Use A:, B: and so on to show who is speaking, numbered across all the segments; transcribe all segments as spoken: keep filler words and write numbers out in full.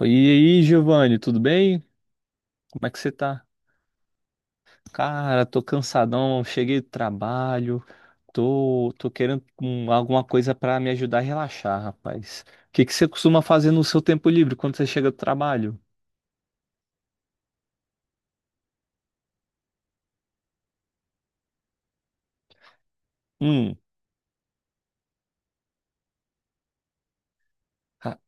A: E aí, Giovanni, tudo bem? Como é que você tá? Cara, tô cansadão, cheguei do trabalho, tô, tô querendo hum, alguma coisa pra me ajudar a relaxar, rapaz. O que que você costuma fazer no seu tempo livre quando você chega do trabalho? Hum, ah,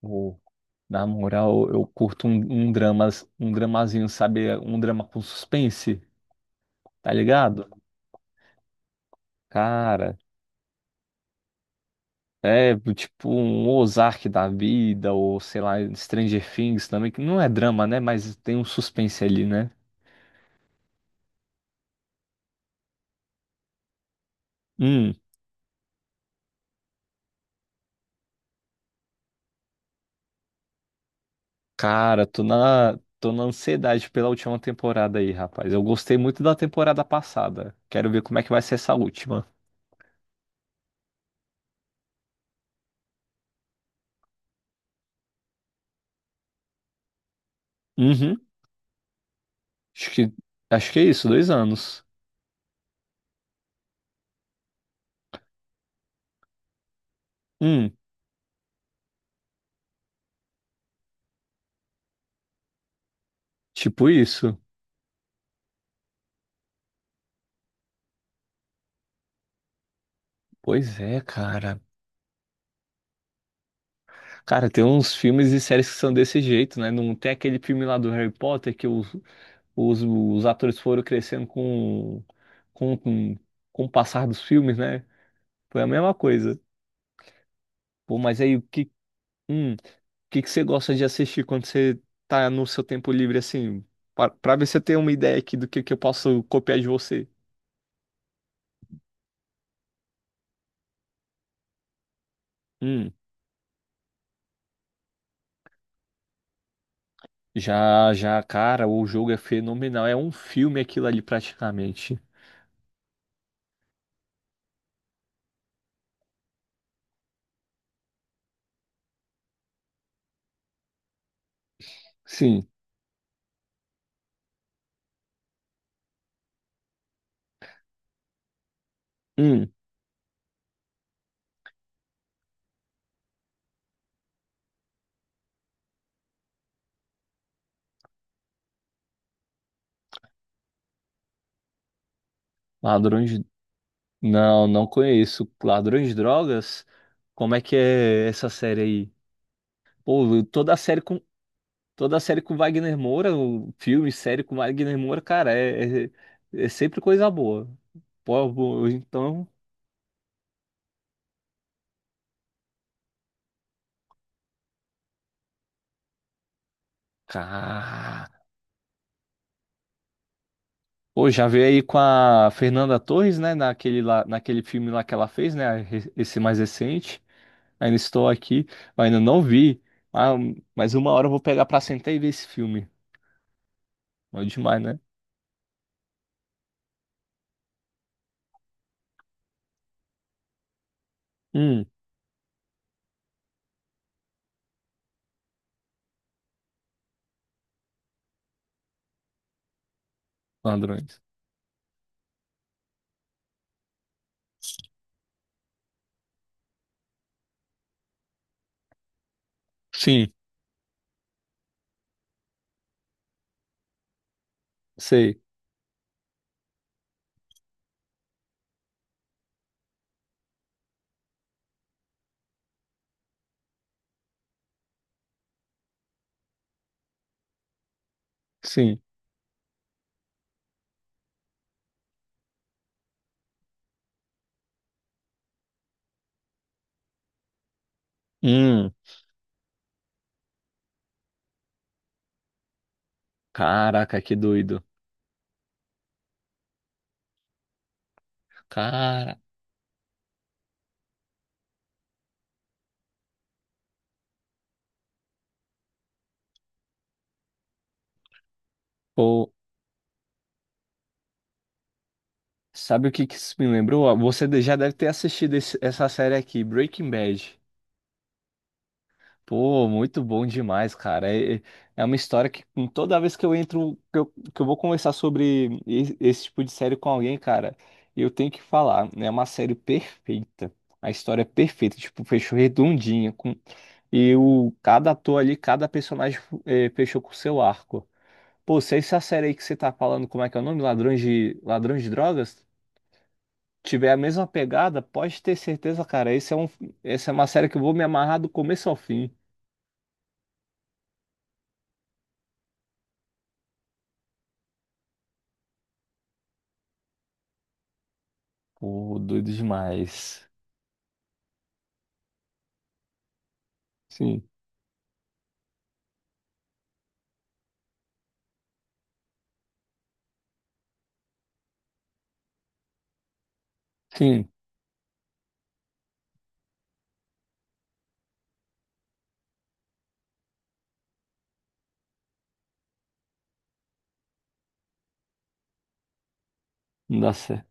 A: ô, na moral, eu curto um, um dramas, um dramazinho, sabe? Um drama com suspense, tá ligado? Cara. É, tipo um Ozark da vida, ou sei lá, Stranger Things também, que não é drama, né? Mas tem um suspense ali, né? Hum, cara, tô na, tô na ansiedade pela última temporada aí, rapaz. Eu gostei muito da temporada passada. Quero ver como é que vai ser essa última. Uhum, acho que, acho que é isso, dois anos. Hum, tipo isso. Pois é, cara. Cara, tem uns filmes e séries que são desse jeito, né? Não tem aquele filme lá do Harry Potter que o, Os, os atores foram crescendo com, com, com, com o passar dos filmes, né? Foi a mesma coisa. Pô, mas aí, o que, hum, o que que você gosta de assistir quando você tá no seu tempo livre, assim? Pra, pra ver se eu tenho uma ideia aqui do que, que eu posso copiar de você. Hum, já, já, cara, o jogo é fenomenal. É um filme aquilo ali, praticamente. Sim. Hum, ladrões. de- Não, não conheço. Ladrões de drogas? Como é que é essa série aí? Pô, toda a série. Com Toda série com Wagner Moura, o filme, série com Wagner Moura, cara, é, é, é sempre coisa boa. Pô, bo- então. Cara. Pô, já veio aí com a Fernanda Torres, né? Naquele, lá, naquele filme lá que ela fez, né? re- Esse mais recente. Ainda estou aqui, mas ainda não vi. Ah, mas uma hora eu vou pegar pra sentar e ver esse filme. Bom demais, né? Hum, ladrões. Sim, sei, sim. Hum, caraca, que doido. Cara. Pô. Sabe o que que isso me lembrou? Ah, Você de- já deve ter assistido esse- essa série aqui, Breaking Bad. Pô, muito bom demais, cara. É, é é uma história que com- toda vez que eu entro, que eu, que eu vou conversar sobre e- esse, tipo de série com alguém, cara, eu tenho que falar. Né? É uma série perfeita. A história é perfeita, tipo, fechou redondinha. Com, e o, cada ator ali, cada personagem eh, fechou com o seu arco. Pô, se essa série aí que você tá falando, como é que é o nome? Ladrões de, Ladrões de Drogas? Tiver a mesma pegada, pode ter certeza, cara. Esse é um, essa é uma série que eu vou me amarrar do começo ao fim. Pô, doido demais. Sim, sim. Nossa.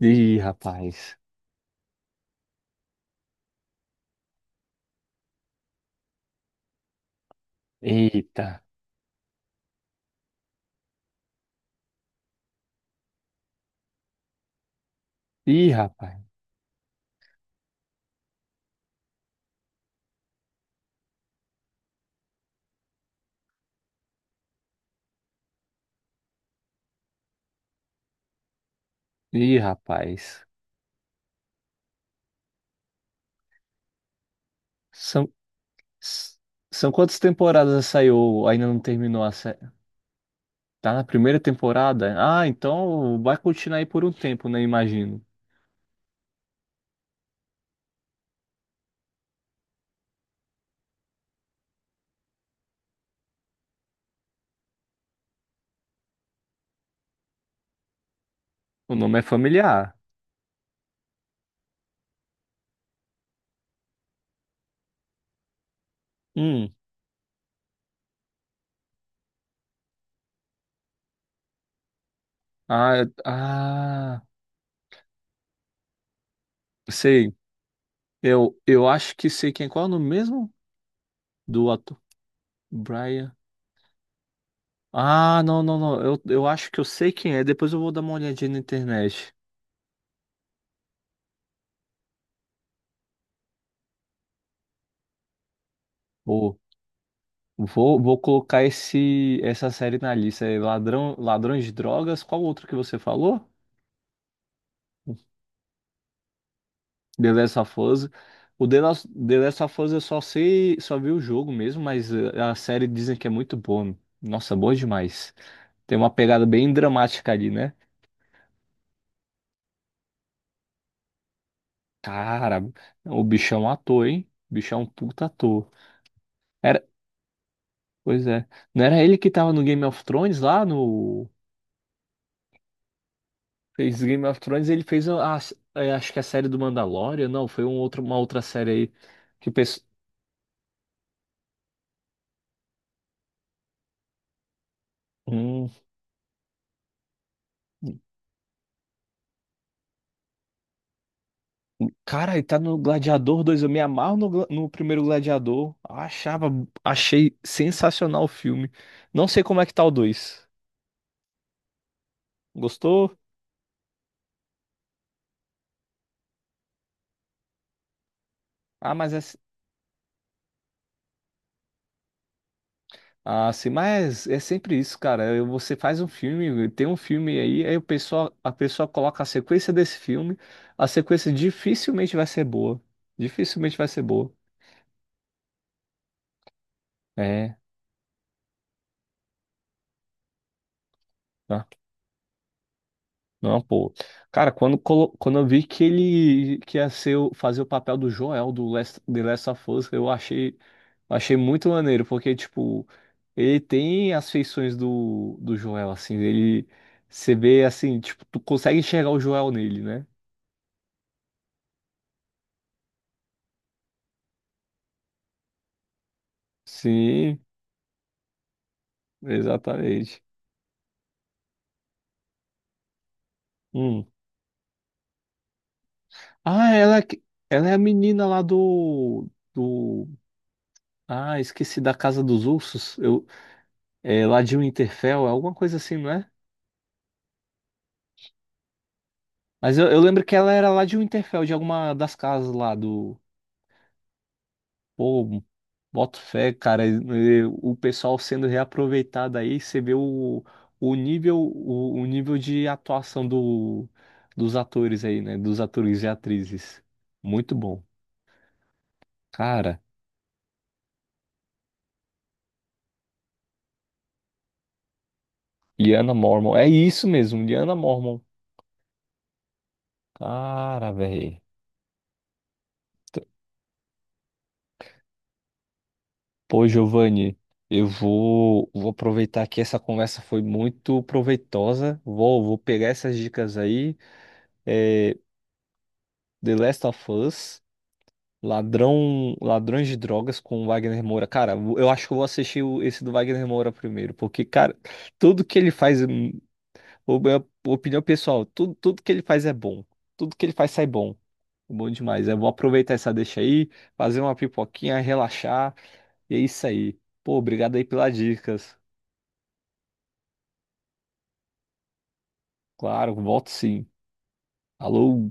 A: Ih, rapaz. Eita. Ih, rapaz. Ih, rapaz. São, s- são quantas temporadas essa aí ou ainda não terminou a série? Tá na primeira temporada? Ah, então vai continuar aí por um tempo, né? Imagino. O nome é familiar. Hum. Ah, eu- ah, sei. Eu, eu acho que sei quem. Qual é o nome mesmo do ator? Brian. Ah, não, não, não. Eu, eu acho que eu sei quem é. Depois eu vou dar uma olhadinha na internet. Vou, vou, vou colocar esse, essa série na lista. É Ladrão, Ladrões de Drogas. Qual outro que você falou? The Last of Us. O The Last, The Last of Us eu só sei, só vi o jogo mesmo, mas eh, a série dizem que é muito boa. Nossa, boa demais. Tem uma pegada bem dramática ali, né? Cara, o bichão é um ator, hein? O bichão é um puta ator. Era, pois é. Não era ele que tava no Game of Thrones lá no. Fez Game of Thrones, ele fez a, a- é, acho que a série do Mandalorian, não, foi um outro, uma outra série aí que o pessoal. Hum, cara, ele tá no Gladiador dois eu me amarro no, Gla- no primeiro Gladiador. Achava, achei sensacional o filme. Não sei como é que tá o dois. Gostou? Ah, mas é, Ah, sim, mas é sempre isso, cara. Eu- Você faz um filme, tem um filme aí, aí o pessoal, a pessoa coloca a sequência desse filme, a sequência dificilmente vai ser boa. Dificilmente vai ser boa. É, tá. não, pô. Cara, quando, colo- quando eu vi que ele que ia ser, o- fazer o papel do Joel do Last, The Last of Us, eu achei, achei muito maneiro, porque, tipo, ele tem as feições do, do Joel, assim, ele, você vê, assim, tipo, tu consegue enxergar o Joel nele, né? Sim, exatamente. Hum. Ah, ela, é que- ela é a menina lá do, do. Ah, esqueci da Casa dos Ursos. Eu, é, lá de Winterfell, é alguma coisa assim, não é? Mas eu, eu lembro que ela era lá de Winterfell, de alguma das casas lá do. Pô, boto fé, cara. e- e O pessoal sendo reaproveitado aí, você vê o, o nível, o, o nível de atuação do, dos atores aí, né? Dos atores e atrizes. Muito bom. Cara. Liana Mormon. É isso mesmo, Liana Mormon. Cara, velho. Pô, Giovanni, eu vou, vou aproveitar que essa conversa foi muito proveitosa. Vou, vou pegar essas dicas aí. É, The Last of Us, Ladrão, Ladrões de Drogas com Wagner Moura. Cara, eu acho que eu vou assistir o- esse do Wagner Moura primeiro, porque, cara, tudo que ele faz, hum, o- minha opinião pessoal, tudo, tudo que ele faz é bom. Tudo que ele faz sai bom. Bom demais. Eu vou aproveitar essa deixa aí, fazer uma pipoquinha, relaxar. E é isso aí. Pô, obrigado aí pelas dicas. Claro, volto sim. Alô?